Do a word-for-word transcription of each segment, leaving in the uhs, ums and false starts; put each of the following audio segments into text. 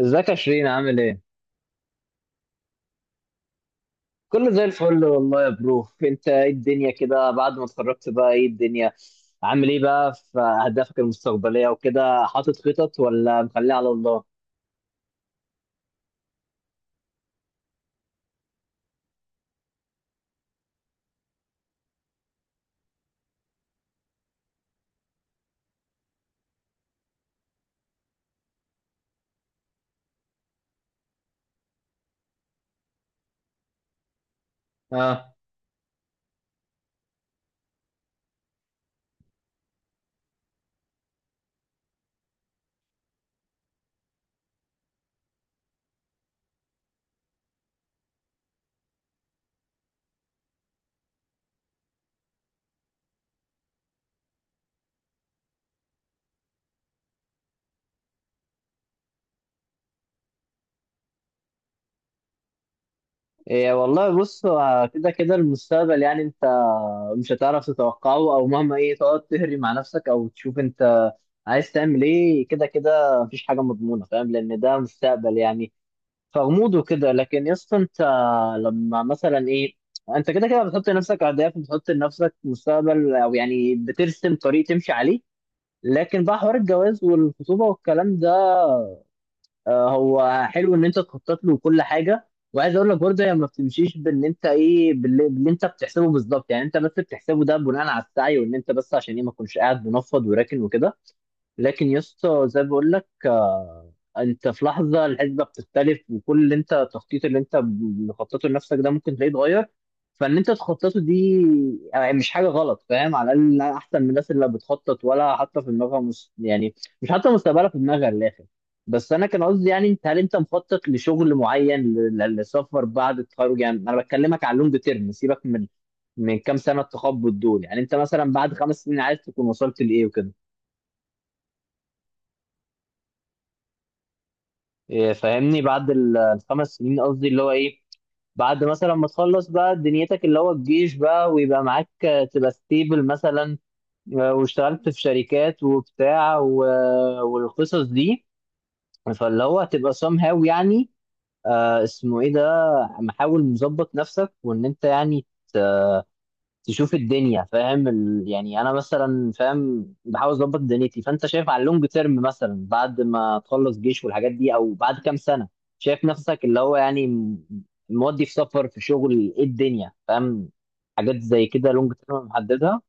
ازيك يا شيرين؟ عامل ايه؟ كله زي الفل والله يا برو. انت ايه الدنيا كده بعد ما اتخرجت؟ بقى ايه الدنيا؟ عامل ايه بقى في اهدافك المستقبلية وكده؟ حاطط خطط ولا مخليها على الله؟ اه. إيه والله، بص، هو كده كده المستقبل يعني انت مش هتعرف تتوقعه، او مهما ايه تقعد تهري مع نفسك او تشوف انت عايز تعمل ايه، كده كده مفيش حاجة مضمونة، فاهم، لان ده مستقبل يعني فغموض وكده. لكن يا اسطى انت لما مثلا ايه، انت كده كده بتحط لنفسك اهداف وبتحط لنفسك مستقبل، او يعني بترسم طريق تمشي عليه. لكن بقى حوار الجواز والخطوبه والكلام ده، آه، هو حلو ان انت تخطط له وكل حاجه، وعايز اقول لك برضه هي ما بتمشيش بان انت ايه باللي, باللي انت بتحسبه بالظبط، يعني انت بس بتحسبه ده بناء على السعي، وان انت بس عشان ايه ما تكونش قاعد منفض وراكن وكده. لكن يا اسطى، زي ما بقول لك، انت في لحظه الحسبه بتختلف، وكل اللي انت التخطيط اللي انت مخططه لنفسك ده ممكن تلاقيه اتغير. فان انت تخططه دي يعني مش حاجه غلط، فاهم، على الاقل احسن من الناس اللي بتخطط ولا حاطه في دماغها مس... يعني مش حاطه مستقبلها في دماغها للاخر. بس انا كان قصدي يعني، انت هل انت مخطط لشغل معين ل- ل- لسفر بعد التخرج؟ يعني انا بكلمك على اللونج تيرم، سيبك من من كام سنه التخبط دول. يعني انت مثلا بعد خمس سنين عايز تكون وصلت لايه وكده؟ إيه، فاهمني؟ بعد ال- الخمس سنين، قصدي اللي هو ايه، بعد مثلا ما تخلص بقى دنيتك اللي هو الجيش بقى، ويبقى معاك آه، تبقى ستيبل مثلا، آه، واشتغلت في شركات وبتاع و والقصص دي، فاللي هو هتبقى somehow يعني آه، اسمه ايه ده، محاول مظبط نفسك وان انت يعني تشوف الدنيا، فاهم ال... يعني انا مثلا فاهم بحاول اظبط دنيتي. فانت شايف على اللونج تيرم مثلا بعد ما تخلص جيش والحاجات دي، او بعد كام سنه، شايف نفسك اللي هو يعني م- مودي في سفر، في شغل، ايه الدنيا، فاهم؟ حاجات زي كده لونج تيرم محددها؟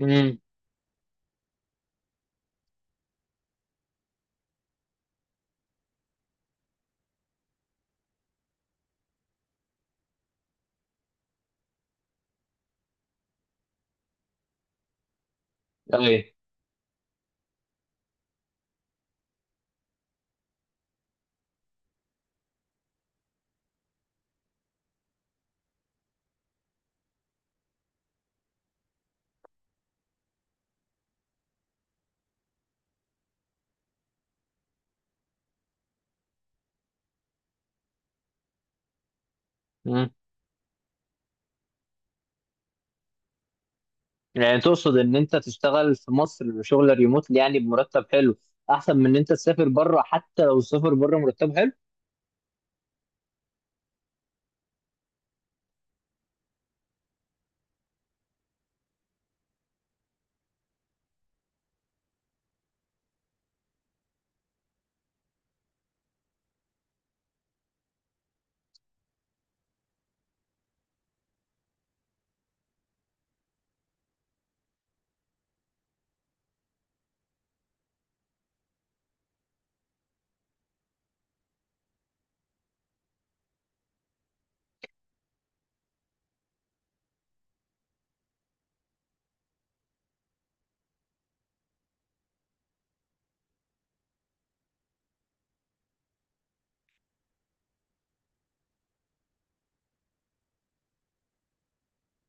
امم اي. امم يعني تقصد ان انت تشتغل في مصر شغل ريموت، يعني بمرتب حلو، احسن من ان انت تسافر بره، حتى لو السفر بره مرتب حلو؟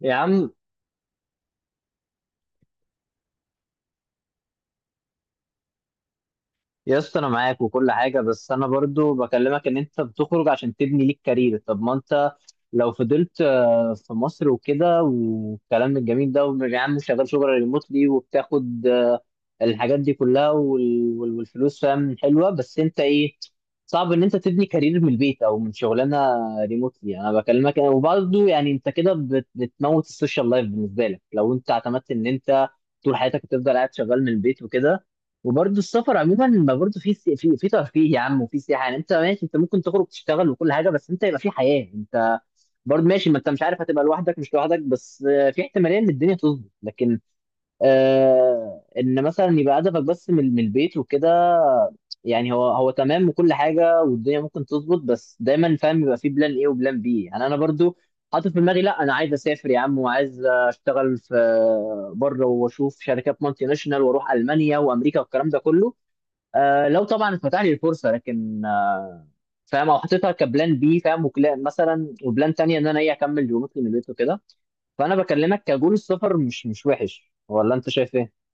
يا عم، يا اسطى انا معاك وكل حاجه، بس انا برضو بكلمك ان انت بتخرج عشان تبني ليك كارير. طب ما انت لو فضلت آه، في مصر وكده، والكلام الجميل ده، ويا عم شغال شغل ريموتلي وبتاخد آه، الحاجات دي كلها وال- وال- والفلوس، فاهم، حلوه، بس انت ايه، صعب ان انت تبني كارير من البيت او من شغلانه ريموتلي. انا بكلمك، وبرضو يعني انت كده بت- بتموت السوشيال لايف بالنسبه لك، لو انت اعتمدت ان انت طول حياتك هتفضل قاعد شغال من البيت وكده. وبرضه السفر عموما، ما برضه في في في ترفيه يا عم، وفي سياحه يعني. انت ماشي، انت ممكن تخرج تشتغل وكل حاجه، بس انت يبقى في حياه. انت برضه ماشي، ما انت مش عارف هتبقى لوحدك، مش لوحدك بس، آه، في احتماليه ان الدنيا تظبط، لكن آه، ان مثلا يبقى هدفك بس من من البيت وكده، يعني هو هو تمام وكل حاجه، والدنيا ممكن تظبط، بس دايما فاهم يبقى في بلان ايه وبلان بي. يعني انا برضه حاطط في دماغي، لا انا عايز اسافر يا عم، وعايز اشتغل في آه، بره، واشوف شركات مالتي ناشونال، واروح المانيا وامريكا والكلام ده كله، آه لو طبعا اتفتح لي الفرصه، لكن آه فاهم، او حطيتها كبلان بي، فاهم، وكلا- مثلا وبلان تانية ان انا ايه اكمل ريموتلي من البيت وكده. فانا بكلمك كجول، السفر مش مش وحش، ولا انت شايف ايه؟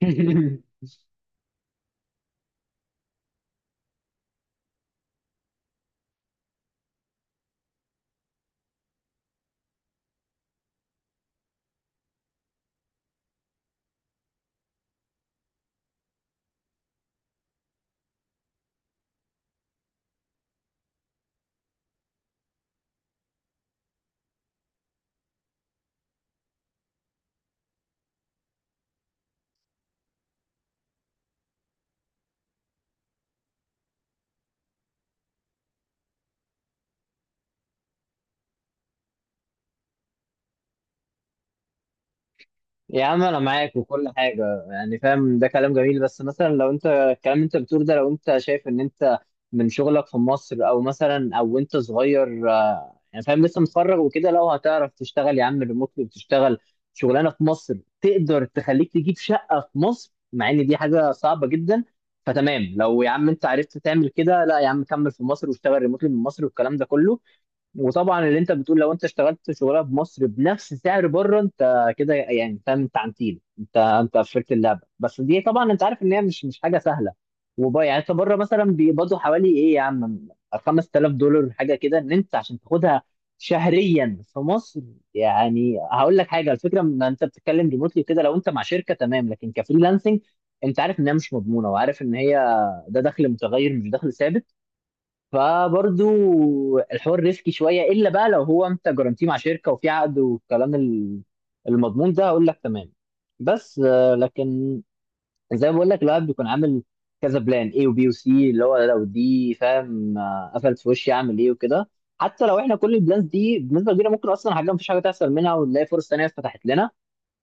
يا عم انا معاك وكل حاجه، يعني فاهم ده كلام جميل، بس مثلا لو انت الكلام اللي انت بتقوله ده، لو انت شايف ان انت من شغلك في مصر، او مثلا او انت صغير، آه، يعني فاهم لسه متخرج وكده، لو هتعرف تشتغل يا عم ريموتلي، وتشتغل شغلانه في مصر، تقدر تخليك تجيب شقه في مصر، مع ان دي حاجه صعبه جدا. فتمام، لو يا عم انت عرفت تعمل كده، لا يا عم كمل في مصر، واشتغل ريموتلي من مصر والكلام ده كله. وطبعا اللي انت بتقول، لو انت اشتغلت شغلها بمصر بنفس سعر بره، انت كده يعني انت انت عنتيل، انت انت قفلت اللعبه، بس دي طبعا انت عارف ان هي مش مش حاجه سهله. وبقى يعني انت بره مثلا بيقبضوا حوالي ايه يا عم؟ خمس تلاف دولار حاجه كده، ان انت عشان تاخدها شهريا في مصر؟ يعني هقول لك حاجه، الفكره ان انت بتتكلم ريموتلي كده، لو انت مع شركه تمام، لكن كفريلانسنج انت عارف انها مش مضمونه، وعارف ان هي ده دخل متغير مش دخل ثابت. فبرضو الحوار ريسكي شويه، الا بقى لو هو انت جرانتيه مع شركه وفي عقد والكلام ال- المضمون ده، اقول لك تمام. بس آه، لكن زي ما بقول لك، الواحد بيكون عامل كذا بلان، اي وبي وسي، اللي هو لو دي فاهم آه، قفلت في وشي اعمل ايه وكده. حتى لو احنا كل البلانز دي بنسبه كبيره ممكن اصلا حاجه مفيش حاجه تحصل منها، ونلاقي فرص تانيه اتفتحت لنا.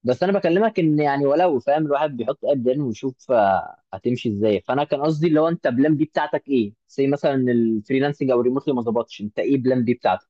بس انا بكلمك ان يعني ولو، فاهم، الواحد بيحط قد ايه ويشوف آه، هتمشي ازاي. فانا كان قصدي اللي هو انت بلان بي بتاعتك ايه؟ زي مثلا الفريلانسنج او الريموتلي ما ظبطش، انت ايه بلان بي بتاعتك؟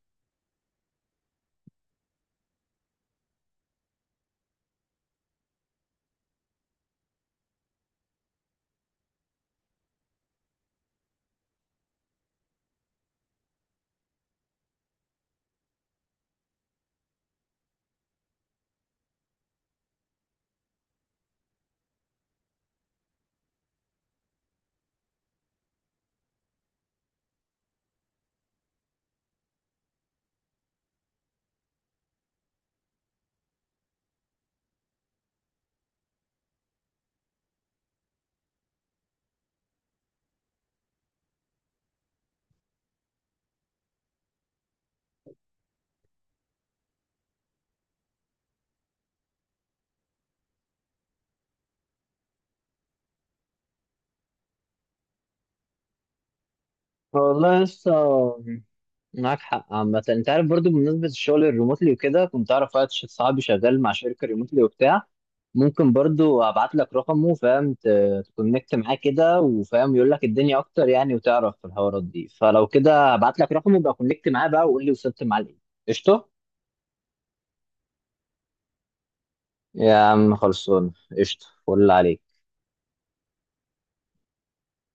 والله لسه معاك حق عامة. انت عارف برضو بمناسبة الشغل الريموتلي وكده، كنت اعرف واحد، ش- صاحبي شغال مع شركة ريموتلي وبتاع، ممكن برضو ابعت لك رقمه، فاهم، ت- تكونكت معاه كده، وفاهم يقول لك الدنيا اكتر يعني، وتعرف في الحوارات دي. فلو كده ابعت لك رقمه، يبقى كونكت معاه بقى وقول لي وصلت معاه لايه. قشطة. يا عم خلصون. قشطة، فل عليك.